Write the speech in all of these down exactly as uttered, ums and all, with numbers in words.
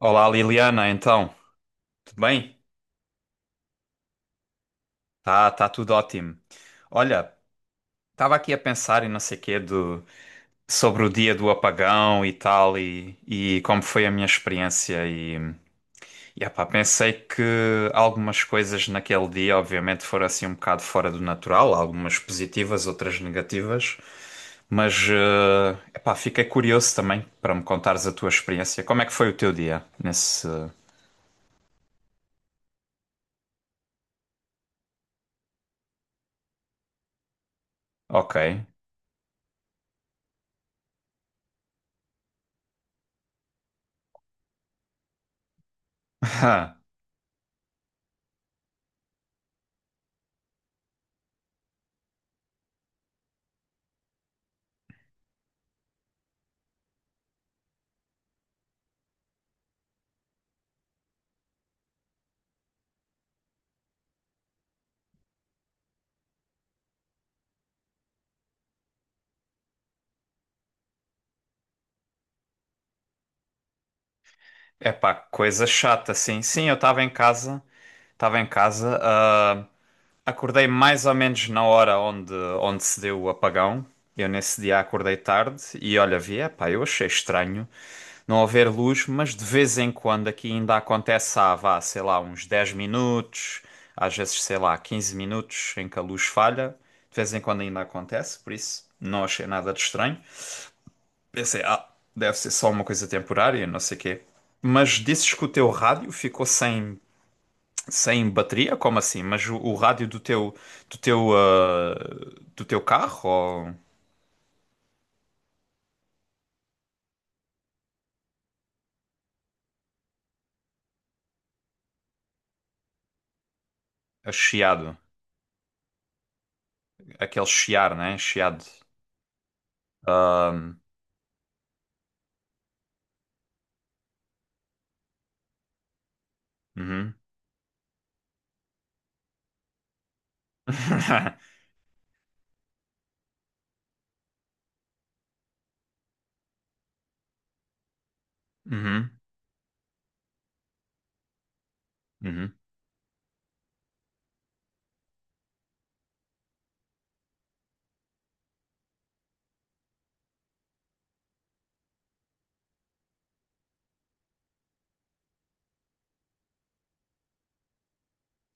Olá Liliana, então, tudo bem? Tá, tá tudo ótimo. Olha, estava aqui a pensar e não sei quê do, sobre o dia do apagão e tal e, e como foi a minha experiência e, e epá, pensei que algumas coisas naquele dia obviamente foram assim um bocado fora do natural, algumas positivas, outras negativas, mas eh, epá, fiquei curioso também para me contares a tua experiência. Como é que foi o teu dia nesse. Ok. É pá, coisa chata, sim. Sim, eu estava em casa, estava em casa, ah, acordei mais ou menos na hora onde, onde se deu o apagão. Eu nesse dia acordei tarde e olha, vi, é pá, eu achei estranho não haver luz, mas de vez em quando aqui ainda acontece há, vá, sei lá, uns dez minutos, às vezes, sei lá, quinze minutos em que a luz falha. De vez em quando ainda acontece, por isso não achei nada de estranho. Pensei, ah, deve ser só uma coisa temporária, não sei o quê. Mas dizes que o teu rádio ficou sem, sem bateria? Como assim? Mas o, o rádio do teu, do teu, ah, do teu carro? Ou é chiado? Aquele chiar, né? Chiado. Uhum. Uhum. Uhum.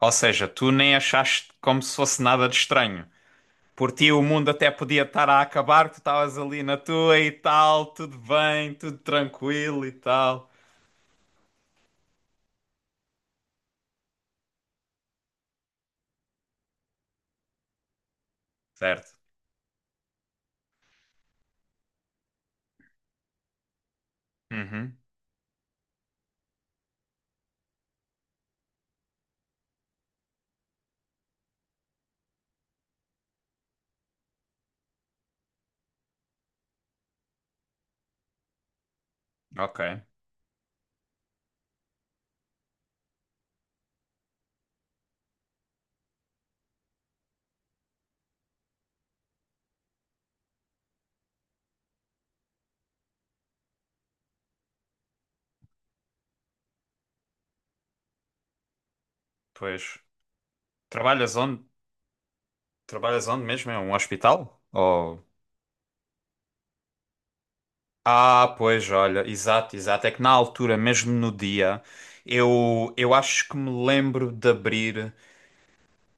Ou seja, tu nem achaste como se fosse nada de estranho. Por ti o mundo até podia estar a acabar, tu estavas ali na tua e tal, tudo bem, tudo tranquilo e tal. Certo. Uhum. Ok, pois. Trabalhas onde? Trabalhas onde mesmo? É um hospital? Ou. Ah, pois, olha, exato, exato. É que na altura, mesmo no dia, eu, eu acho que me lembro de abrir.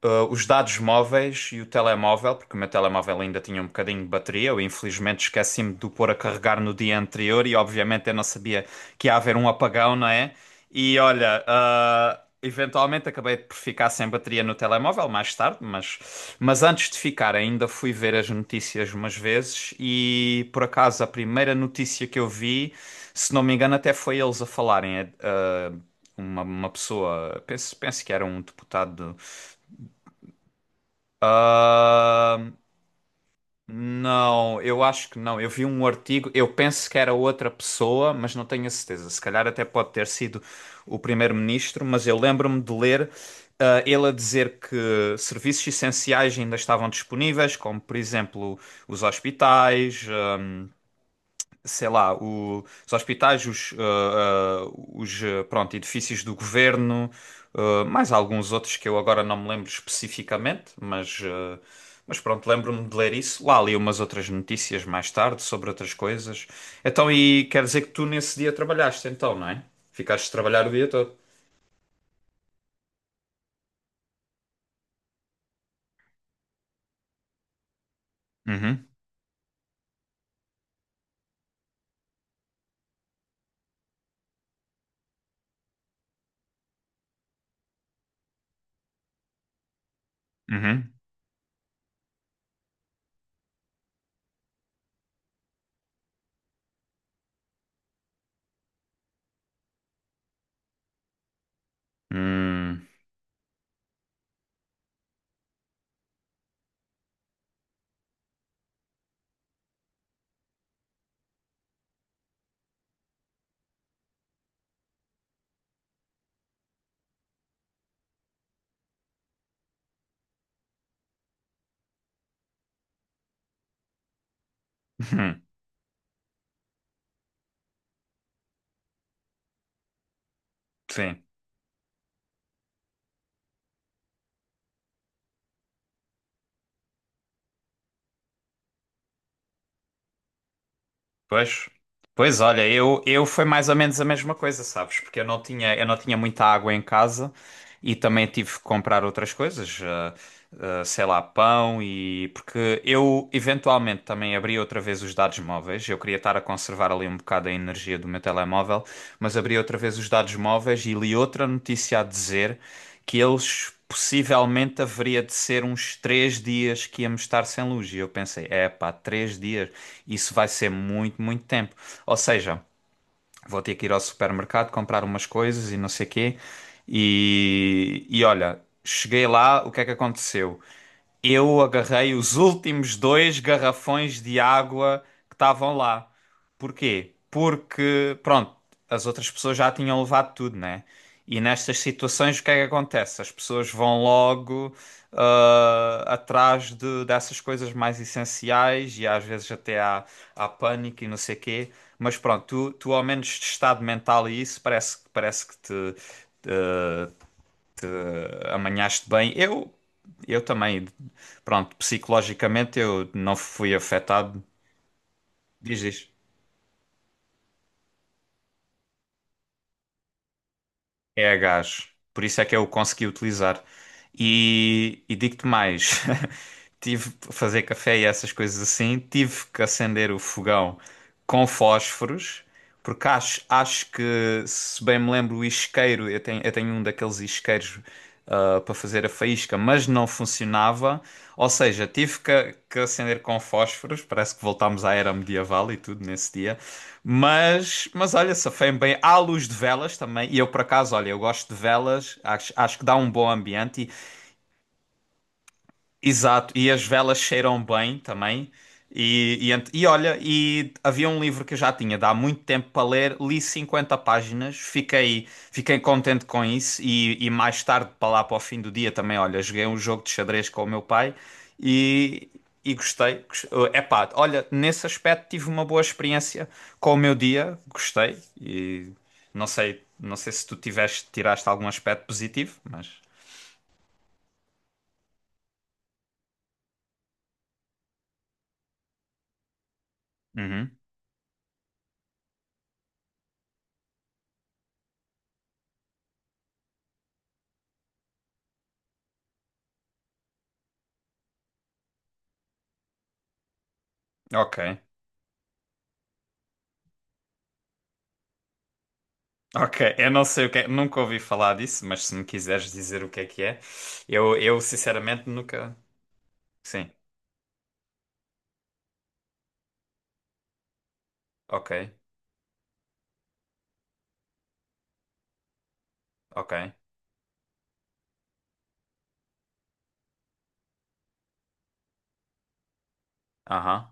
ah, os dados móveis e o telemóvel, porque o meu telemóvel ainda tinha um bocadinho de bateria. Eu infelizmente esqueci-me de o pôr a carregar no dia anterior e obviamente eu não sabia que ia haver um apagão, não é? E olha, ah, eventualmente acabei por ficar sem bateria no telemóvel mais tarde, mas, mas antes de ficar ainda fui ver as notícias umas vezes e por acaso a primeira notícia que eu vi, se não me engano, até foi eles a falarem. eh, ah, uma, uma pessoa, penso, penso que era um deputado ah, não, eu acho que não. Eu vi um artigo, eu penso que era outra pessoa, mas não tenho a certeza. Se calhar até pode ter sido o primeiro-ministro, mas eu lembro-me de ler, ah, ele a dizer que serviços essenciais ainda estavam disponíveis, como por exemplo os hospitais, sei lá, o- os hospitais, os, ah, ah, os, ah, pronto, edifícios do governo, ah, mais alguns outros que eu agora não me lembro especificamente, mas, ah, mas pronto, lembro-me de ler isso. Lá li umas outras notícias mais tarde sobre outras coisas. Então, e quer dizer que tu nesse dia trabalhaste então, não é? Ficaste a trabalhar o dia todo. Uhum, uhum. Hum, Sim. Pois, pois olha, eu, eu foi mais ou menos a mesma coisa, sabes? Porque eu não tinha, eu não tinha muita água em casa e também tive que comprar outras coisas, ah, ah, sei lá, pão e. Porque eu eventualmente também abri outra vez os dados móveis, eu queria estar a conservar ali um bocado a energia do meu telemóvel mas abri outra vez os dados móveis e li outra notícia a dizer que eles possivelmente haveria de ser uns três dias que íamos estar sem luz. E eu pensei, é pá, três dias, isso vai ser muito, muito tempo. Ou seja, vou ter que ir ao supermercado comprar umas coisas e não sei quê. E, e olha, cheguei lá, o que é que aconteceu? Eu agarrei os últimos dois garrafões de água que estavam lá. Porquê? Porque, pronto, as outras pessoas já tinham levado tudo, né? E nestas situações, o que é que acontece? As pessoas vão logo ah, atrás de, dessas coisas mais essenciais e às vezes até há, há pânico e não sei quê. Mas pronto, tu, tu ao menos de estado mental e isso parece, parece que te ah, amanhaste bem. Eu, eu também, pronto, psicologicamente eu não fui afetado. Diz, diz. É a gás, por isso é que eu o consegui utilizar. E, e digo-te mais, tive para fazer café e essas coisas assim, tive que acender o fogão com fósforos, porque acho, acho que, se bem me lembro, o isqueiro, eu tenho, eu tenho um daqueles isqueiros ah, para fazer a faísca, mas não funcionava, ou seja, tive que, que acender com fósforos, parece que voltámos à era medieval e tudo nesse dia. Mas, mas olha, safei-me bem. Há luz de velas também. E eu, por acaso, olha, eu gosto de velas. Acho, acho que dá um bom ambiente. Exato, e as velas cheiram bem também. E, e, ent- e olha, e havia um livro que eu já tinha de há muito tempo para ler, li cinquenta páginas, fiquei, fiquei contente com isso. E, e mais tarde, para lá para o fim do dia, também, olha, joguei um jogo de xadrez com o meu pai e, e gostei. Gos- eh, Epá, olha, nesse aspecto tive uma boa experiência com o meu dia, gostei. E não sei, não sei se tu tiveste, tiraste algum aspecto positivo, mas. Uhum, ok. Ok, eu não sei o que é, nunca ouvi falar disso, mas se me quiseres dizer o que é que é, eu, eu sinceramente nunca. Sim, ok, ok, aham,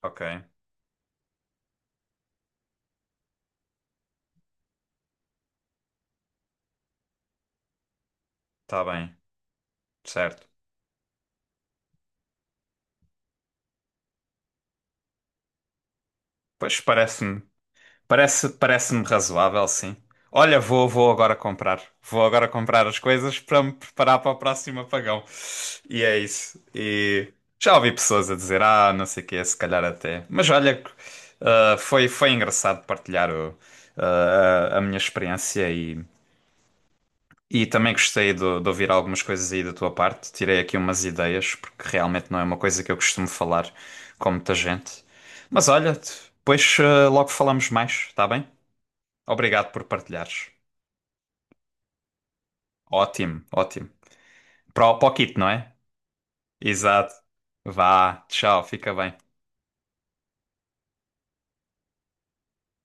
ok, tá bem, certo. Pois parece-me. Parece, parece-me razoável, sim. Olha, vou, vou agora comprar. Vou agora comprar as coisas para me preparar para o próximo apagão. E é isso. E já ouvi pessoas a dizer, ah, não sei o que é se calhar até. Mas olha, ah, foi, foi engraçado partilhar o- ah, a minha experiência e, e também gostei de, de ouvir algumas coisas aí da tua parte. Tirei aqui umas ideias, porque realmente não é uma coisa que eu costumo falar com muita gente. Mas olha, depois ah, logo falamos mais, está bem? Obrigado por partilhares. Ótimo, ótimo. Para o, para o kit, não é? Exato. Vá, tchau, fica bem.